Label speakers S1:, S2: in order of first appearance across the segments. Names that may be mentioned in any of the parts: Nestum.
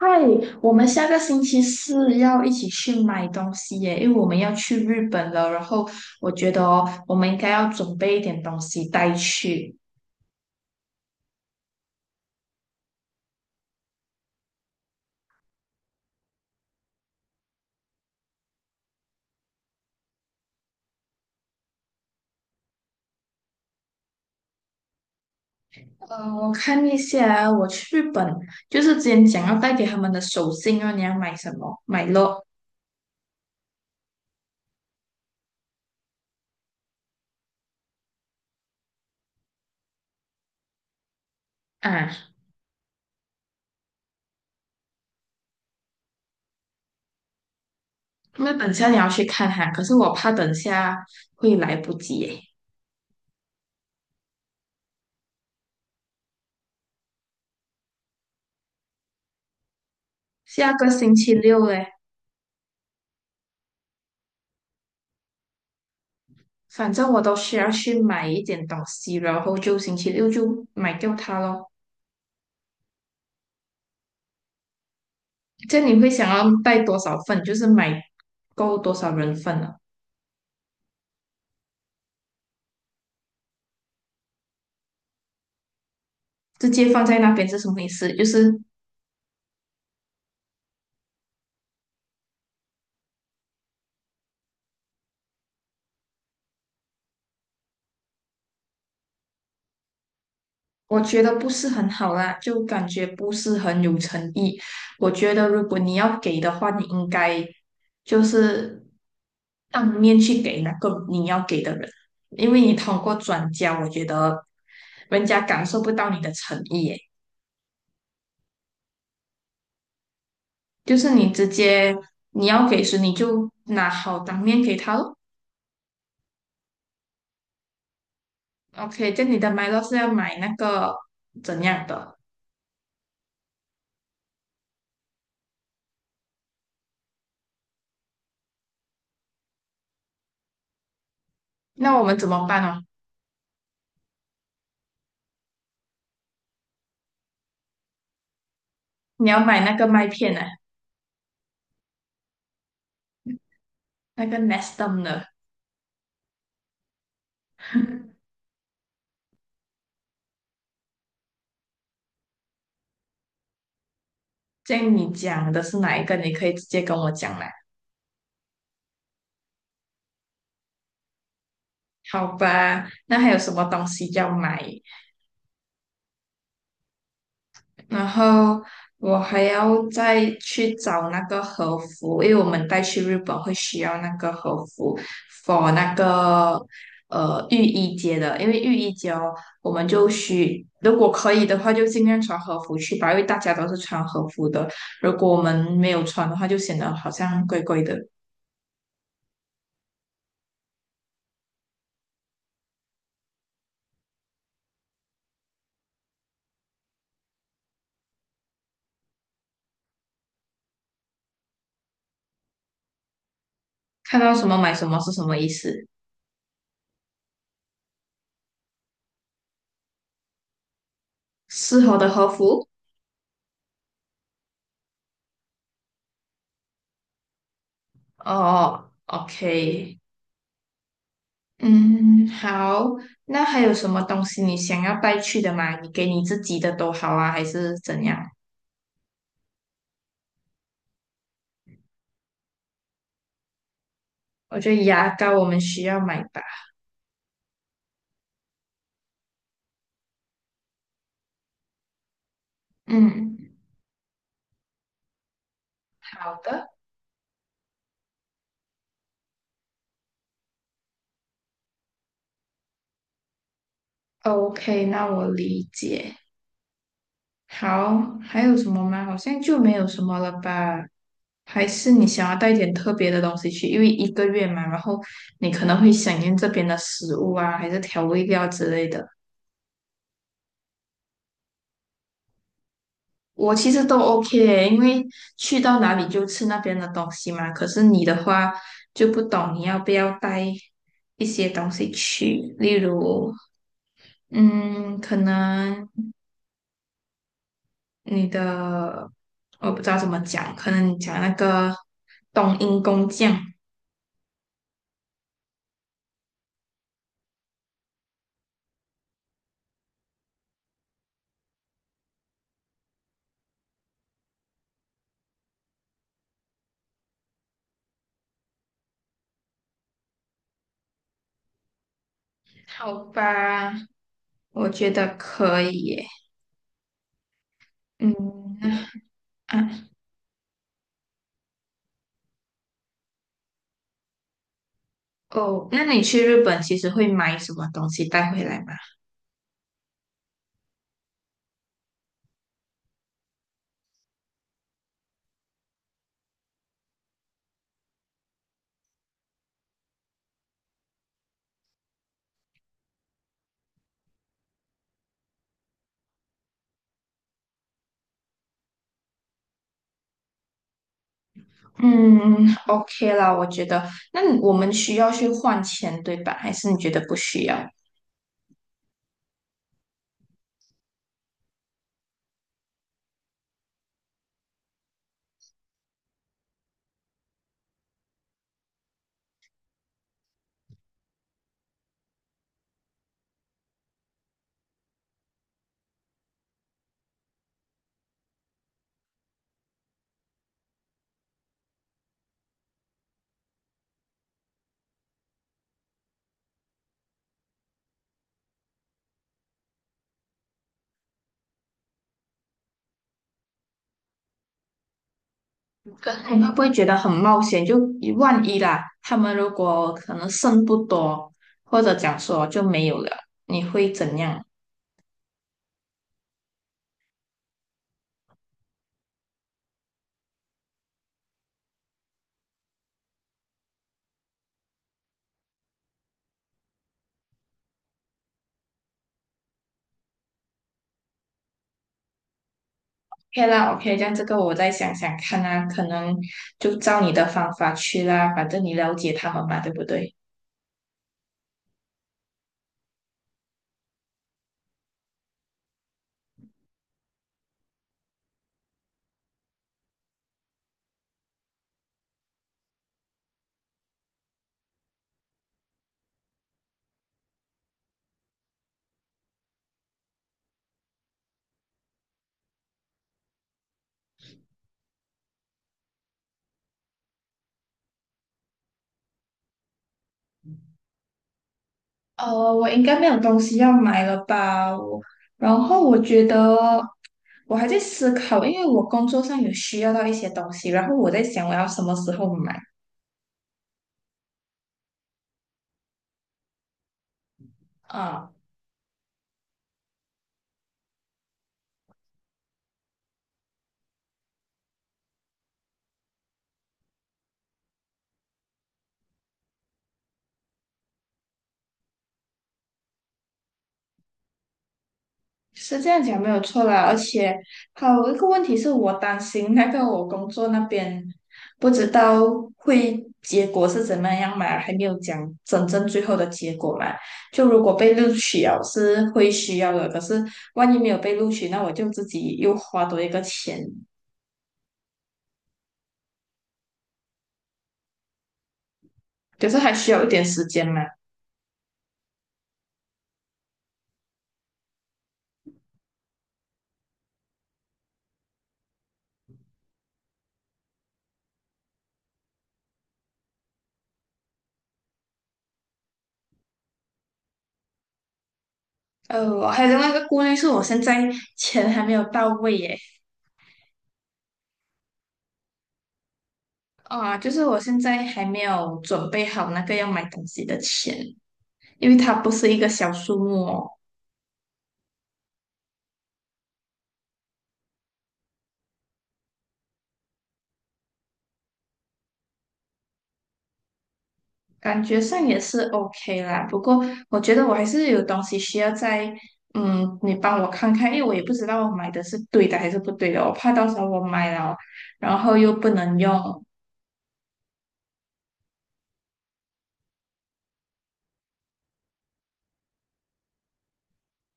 S1: 嗨，我们下个星期四要一起去买东西耶，因为我们要去日本了。然后我觉得哦，我们应该要准备一点东西带去。我看一下啊，我去日本就是之前讲要带给他们的手信啊，你要买什么？买咯啊，那等下你要去看哈，可是我怕等下会来不及耶。下个星期六嘞，反正我都需要去买一点东西，然后就星期六就买掉它咯。这样你会想要带多少份？就是买够多少人份呢、直接放在那边是什么意思？就是我觉得不是很好啦，就感觉不是很有诚意。我觉得如果你要给的话，你应该就是当面去给那个你要给的人，因为你通过转交，我觉得人家感受不到你的诚意耶。就是你直接你要给时，你就拿好当面给他咯。OK，这样你的 m i 是要买那个怎样的？那我们怎么办哦？你要买那个麦片呢、那个 Nestum 的。这样你讲的是哪一个？你可以直接跟我讲啦。好吧，那还有什么东西要买？然后我还要再去找那个和服，因为我们带去日本会需要那个和服，for 那个浴衣节的，因为浴衣节哦，我们就需如果可以的话，就尽量穿和服去吧，因为大家都是穿和服的。如果我们没有穿的话，就显得好像怪怪的。看到什么买什么是什么意思？适合的和服哦，OK。嗯，好，那还有什么东西你想要带去的吗？你给你自己的都好啊，还是怎样？我觉得牙膏我们需要买吧。嗯，好的，OK，那我理解。好，还有什么吗？好像就没有什么了吧？还是你想要带一点特别的东西去？因为一个月嘛，然后你可能会想念这边的食物啊，还是调味料之类的。我其实都 OK，因为去到哪里就吃那边的东西嘛。可是你的话就不懂，你要不要带一些东西去？例如，嗯，可能你的我不知道怎么讲，可能你讲那个冬阴功酱，好吧，我觉得可以耶。嗯，啊，哦，那你去日本其实会买什么东西带回来吗？嗯 ，OK 啦，我觉得，那你我们需要去换钱，对吧？还是你觉得不需要？可是你会不会觉得很冒险？就一万一啦，他们如果可能剩不多，或者讲说就没有了，你会怎样？OK 啦，OK，这样这个我再想想看啊，可能就照你的方法去啦，反正你了解他们嘛，对不对？我应该没有东西要买了吧？我，然后我觉得我还在思考，因为我工作上有需要到一些东西，然后我在想我要什么时候买啊，是这样讲没有错啦。而且还有一个问题是我担心那个我工作那边不知道会结果是怎么样嘛，还没有讲真正最后的结果嘛。就如果被录取了是会需要的，可是万一没有被录取，那我就自己又花多一个钱。可是还需要一点时间嘛。我还有另外一个顾虑是我现在钱还没有到位耶，啊，就是我现在还没有准备好那个要买东西的钱，因为它不是一个小数目哦，感觉上也是 OK 啦。不过我觉得我还是有东西需要在，嗯，你帮我看看，因为我也不知道我买的是对的还是不对的，我怕到时候我买了，然后又不能用，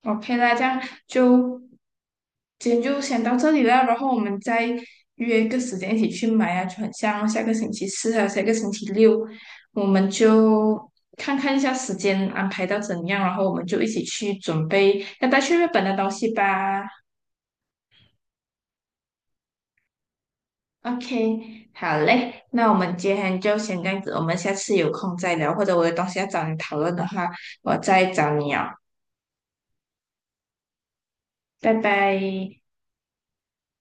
S1: OK，那这样就今天就先到这里啦，然后我们再约一个时间一起去买啊，就很像下个星期四还有下个星期六，我们就看看一下时间安排到怎样，然后我们就一起去准备要带去日本的东西吧。OK，好嘞，那我们今天就先这样子，我们下次有空再聊，或者我有东西要找你讨论的话，我再找你哦，拜拜。